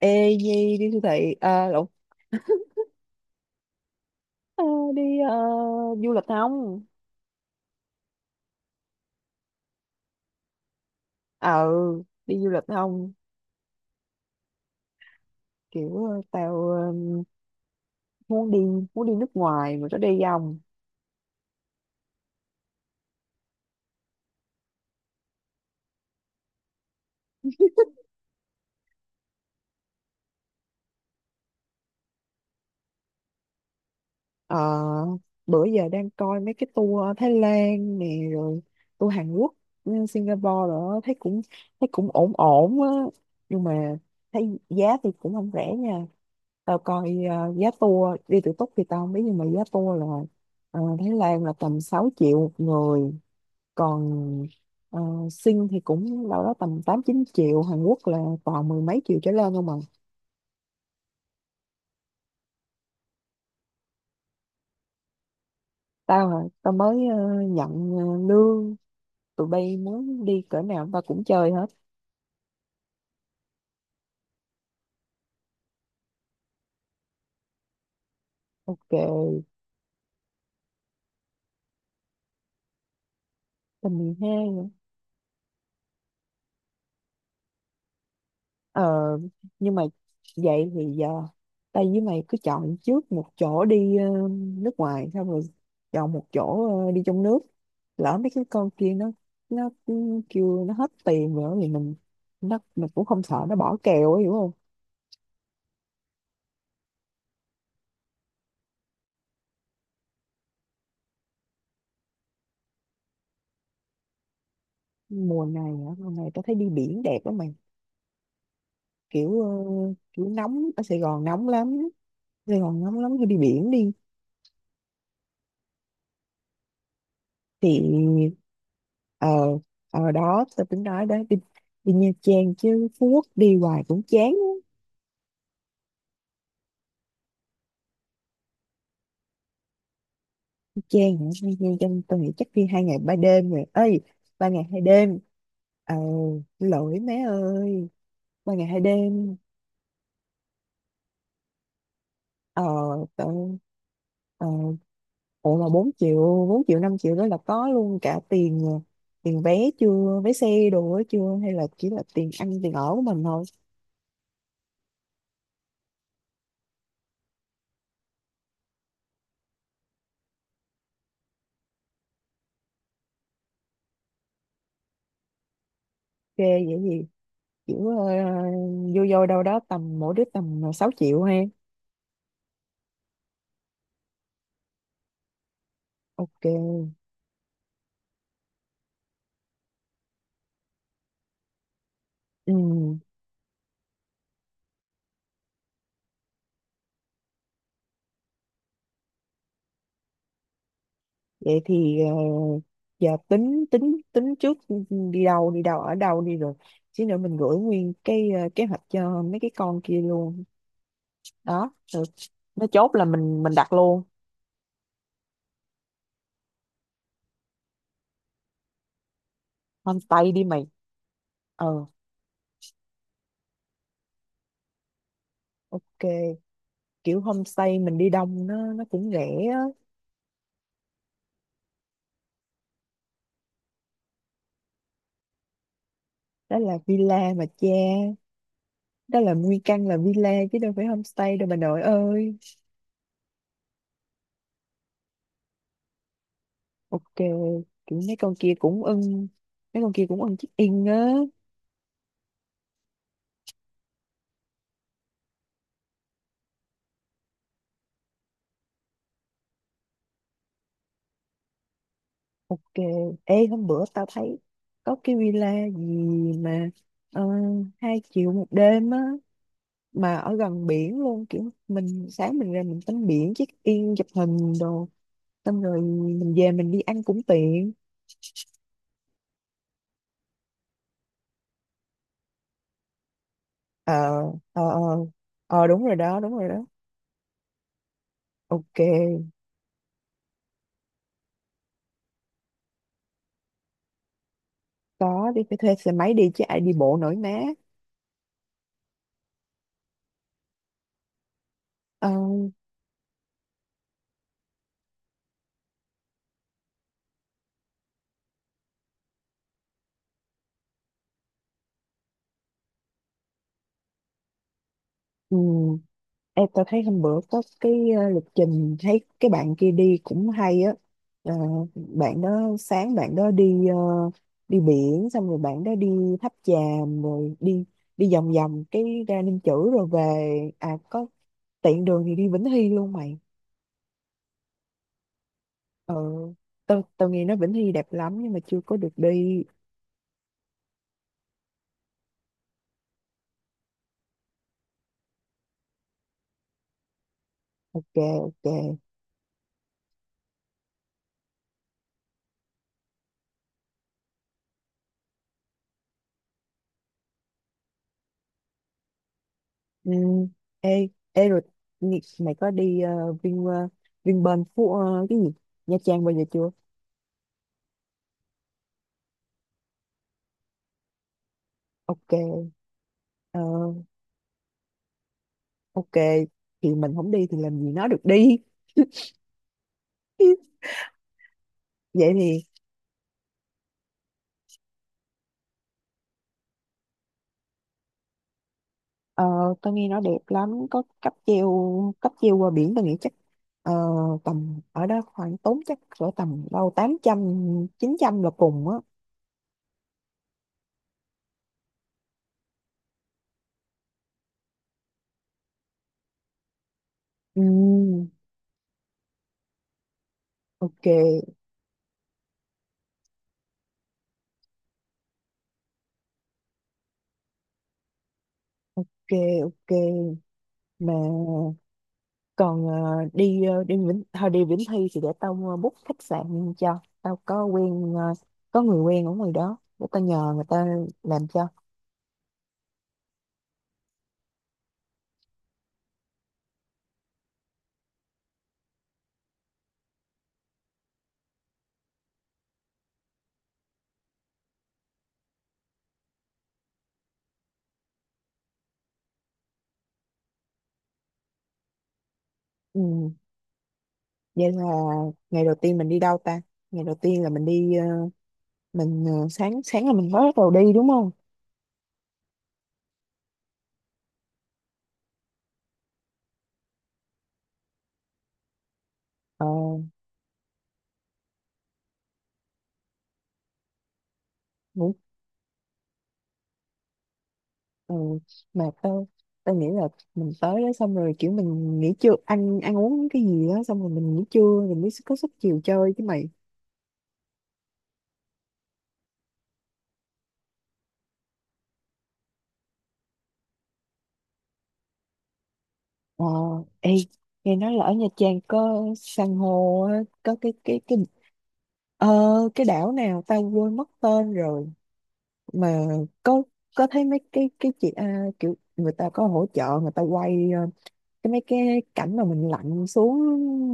Ê Nhi đi siêu thị à, lộn. Ờ, đi ờ, du lịch không? Ờ, đi du lịch không? Kiểu tao muốn đi muốn đi nước ngoài mà có đi không? Ờ, bữa giờ đang coi mấy cái tour Thái Lan nè, rồi tour Hàn Quốc, ừ, Singapore rồi đó, thấy cũng ổn ổn á nhưng mà thấy giá thì cũng không rẻ nha. Tao coi giá tour đi tự túc thì tao không biết nhưng mà giá tour là Thái Lan là tầm 6 triệu một người, còn ờ, sinh thì cũng đâu đó tầm 8 9 triệu, Hàn Quốc là toàn mười mấy triệu trở lên không à. Tao hả? Tao mới nhận lương, tụi bay muốn đi cỡ nào tao cũng chơi hết. Ok, tầm 12 nữa. ờ nhưng mà vậy thì giờ tao với mày cứ chọn trước một chỗ đi nước ngoài, xong rồi chọn một chỗ đi trong nước, lỡ mấy cái con kia nó kêu nó hết tiền rồi thì mình, nó mình cũng không sợ nó bỏ kèo ấy, hiểu không? Mùa này hả? Mùa này tao thấy đi biển đẹp lắm mày. Kiểu ờ, kiểu nóng ở Sài Gòn nóng lắm, Sài Gòn nóng lắm, cứ đi biển đi. Thì ờ ở đó tao tính nói đó đi, đi Nha Trang chứ Phú Quốc đi hoài cũng chán á. Nha Trang hả? Nha Nha Trang trong tao nghĩ chắc đi 2 ngày 3 đêm rồi ơi, 3 ngày 2 đêm. ờ Lỗi mấy ơi, ba ngày hai đêm. ờ Tao. ờ Ủa mà 4 triệu, 4 triệu 5 triệu đó là có luôn cả tiền vé chưa, vé xe đồ ấy chưa, hay là chỉ là tiền ăn tiền ở của mình thôi? Ok, vậy gì kiểu vô vô đâu đó tầm mỗi đứa tầm 6 triệu ha. Ok. Ừ. Vậy thì giờ tính tính tính trước, đi đâu, ở đâu đi rồi. Chứ nữa mình gửi nguyên cái kế hoạch cho mấy cái con kia luôn. Đó, rồi nó chốt là mình đặt luôn. Homestay đi mày. Ờ, ok. Kiểu homestay mình đi đông nó cũng rẻ á. Đó là villa mà cha, đó là nguyên căn là villa chứ đâu phải homestay đâu bà nội ơi. Ok, kiểu mấy con kia cũng ưng check in á. Ok. Ê hôm bữa tao thấy có cái villa gì mà ờ, 2 triệu một đêm á, mà ở gần biển luôn kiểu mình sáng mình ra mình tắm biển check in chụp hình đồ, xong rồi mình về mình đi ăn cũng tiện. ờ ờ ờ Ờ, đúng rồi đó, đúng rồi đó. Ok, có, đi phải thuê xe máy đi chứ ai đi bộ nổi má. ờ ừ. Em tao thấy hôm bữa có cái lịch trình thấy cái bạn kia đi cũng hay á. Ờ, bạn đó sáng bạn đó đi đi biển, xong rồi bạn đó đi tháp chàm, rồi đi đi vòng vòng cái ra Ninh Chữ rồi về. À có, tiện đường thì đi Vĩnh Hy luôn mày. ờ tao tao nghe nói Vĩnh Hy đẹp lắm nhưng mà chưa có được đi. Ok, ok. Ừ. ê ê rồi, mày có đi Vinpearl cái gì, Nha Trang bao giờ chưa? Ok. ờ, ok, thì mình không đi thì làm gì nó được đi. Vậy thì ờ, tao nghe nó đẹp lắm, có cáp treo, cáp treo qua biển, tao nghĩ chắc ờ, tầm ở đó khoảng tốn chắc cỡ tầm đâu 800 900 là cùng á. Ừ, ok, ok, ok. Mà còn đi ờ, đi Vĩnh thôi đi Vĩnh Thi thì để tao book khách sạn, cho tao có có người quen ở ngoài đó để tao nhờ người ta làm cho. Ừ, vậy là ngày đầu tiên mình đi đâu ta? Ngày đầu tiên là mình đi mình sáng sáng là mình mới bắt đầu đi đúng không? ờ Ngủ. Ừ. Mà tao tao nghĩ là mình tới đó xong rồi kiểu mình nghỉ trưa, ăn ăn uống cái gì đó, xong rồi mình nghỉ trưa mình mới có sức chiều chơi chứ mày. Ờ. Ê, nghe nói là ở Nha Trang có san hô, á, có ờ, cái đảo nào tao quên mất tên rồi mà. có có thấy mấy cái chị à, kiểu người ta có hỗ trợ người ta quay cái mấy cái cảnh mà mình lặn xuống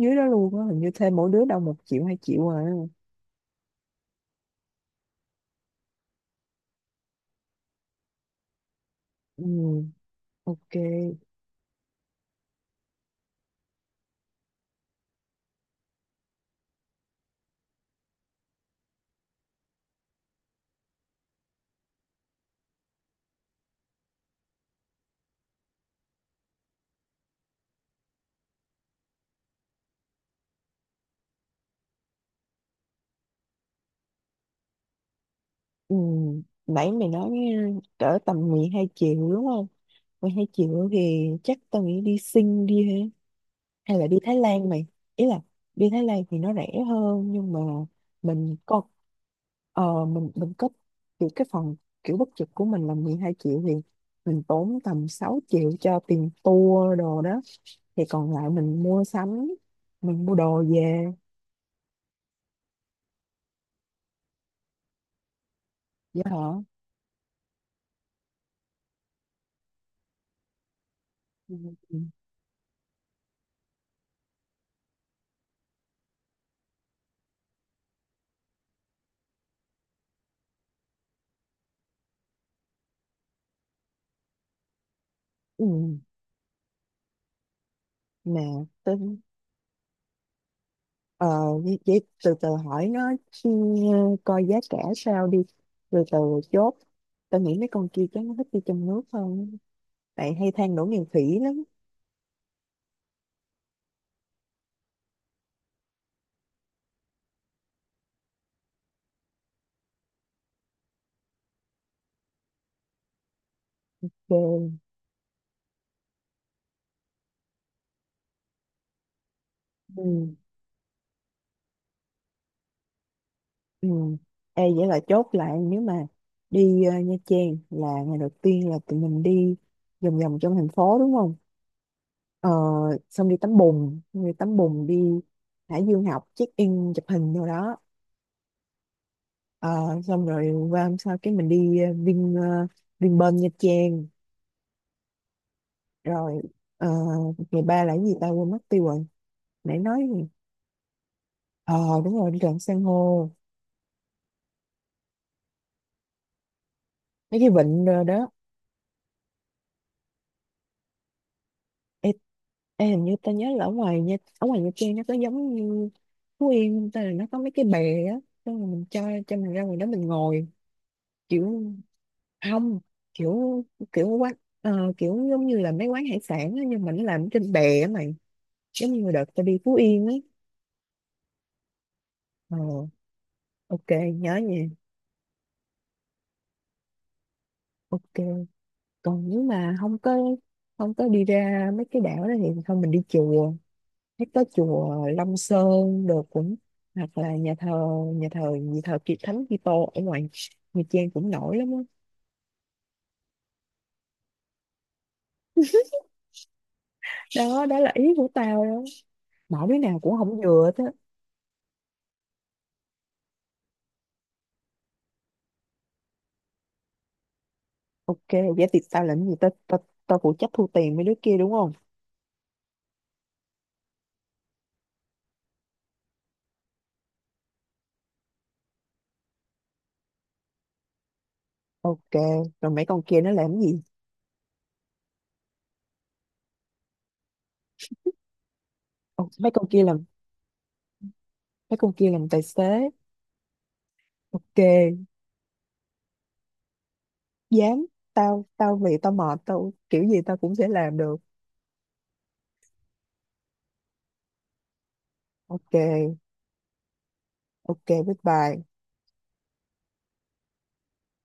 dưới đó luôn á, hình như thêm mỗi đứa đâu 1 triệu 2 triệu à. Ừ, ok. Ừ, nãy mày nói cỡ tầm 12 triệu đúng không? 12 triệu thì chắc tao nghĩ đi sinh đi ha, hay là đi Thái Lan mày? Ý là đi Thái Lan thì nó rẻ hơn nhưng mà mình có mình có kiểu cái phần kiểu bất trực của mình là 12 triệu, thì mình tốn tầm 6 triệu cho tiền tour đồ đó, thì còn lại mình mua sắm, mình mua đồ về. Dạ hả? Ừ. Ừ. Ừ, mà tính ờ vậy vậy từ từ hỏi nó, ừ, coi giá cả sao đi, từ từ chốt. Tao nghĩ mấy con kia chắc nó thích đi trong nước hơn, bạn hay than đổ nghèo khỉ lắm. Ừ. Ừ. Ừ. Ê, vậy là chốt lại nếu mà đi Nha Trang là ngày đầu tiên là tụi mình đi vòng vòng trong thành phố đúng không? Ờ, xong đi tắm bùn, đi Hải Dương học check in chụp hình rồi đó. Ờ, xong rồi qua hôm sau cái mình đi Vinpearl Nha Trang rồi. ờ, Ngày ba là cái gì ta, quên mất tiêu rồi, nãy nói gì? ờ Đúng rồi, đi lặn san hô, mấy cái vịnh rồi đó. Ê. Ê, hình như tao nhớ là ở ngoài nha, ở ngoài Nha Trang nó có giống như Phú Yên không ta, là nó có mấy cái bè á, xong rồi mình cho mình ra ngoài đó mình ngồi kiểu, không, kiểu, quán kiểu giống như là mấy quán hải sản á, nhưng mà nó làm trên bè á mày, giống như đợt tao đi Phú Yên ấy. ờ ok, nhớ nha. Ok. Còn nếu mà không có đi ra mấy cái đảo đó thì thôi mình đi chùa. Thấy có chùa Long Sơn được cũng, hoặc là nhà thờ, nhà thờ Kiệt Thánh Kitô ở ngoài Nha Trang cũng nổi lắm á. Đó, đó là ý của tao đó, mỗi đứa nào cũng không vừa thế. Ok, vậy thì tao làm gì, tao tao tao phụ trách thu tiền mấy đứa kia đúng không? Ok. Rồi mấy con kia nó làm gì? Ồ, mấy con kia làm tài xế. Ok. Dám. Tao tao vì tao mệt tao kiểu gì tao cũng sẽ làm được. Ok, ok, bye bye.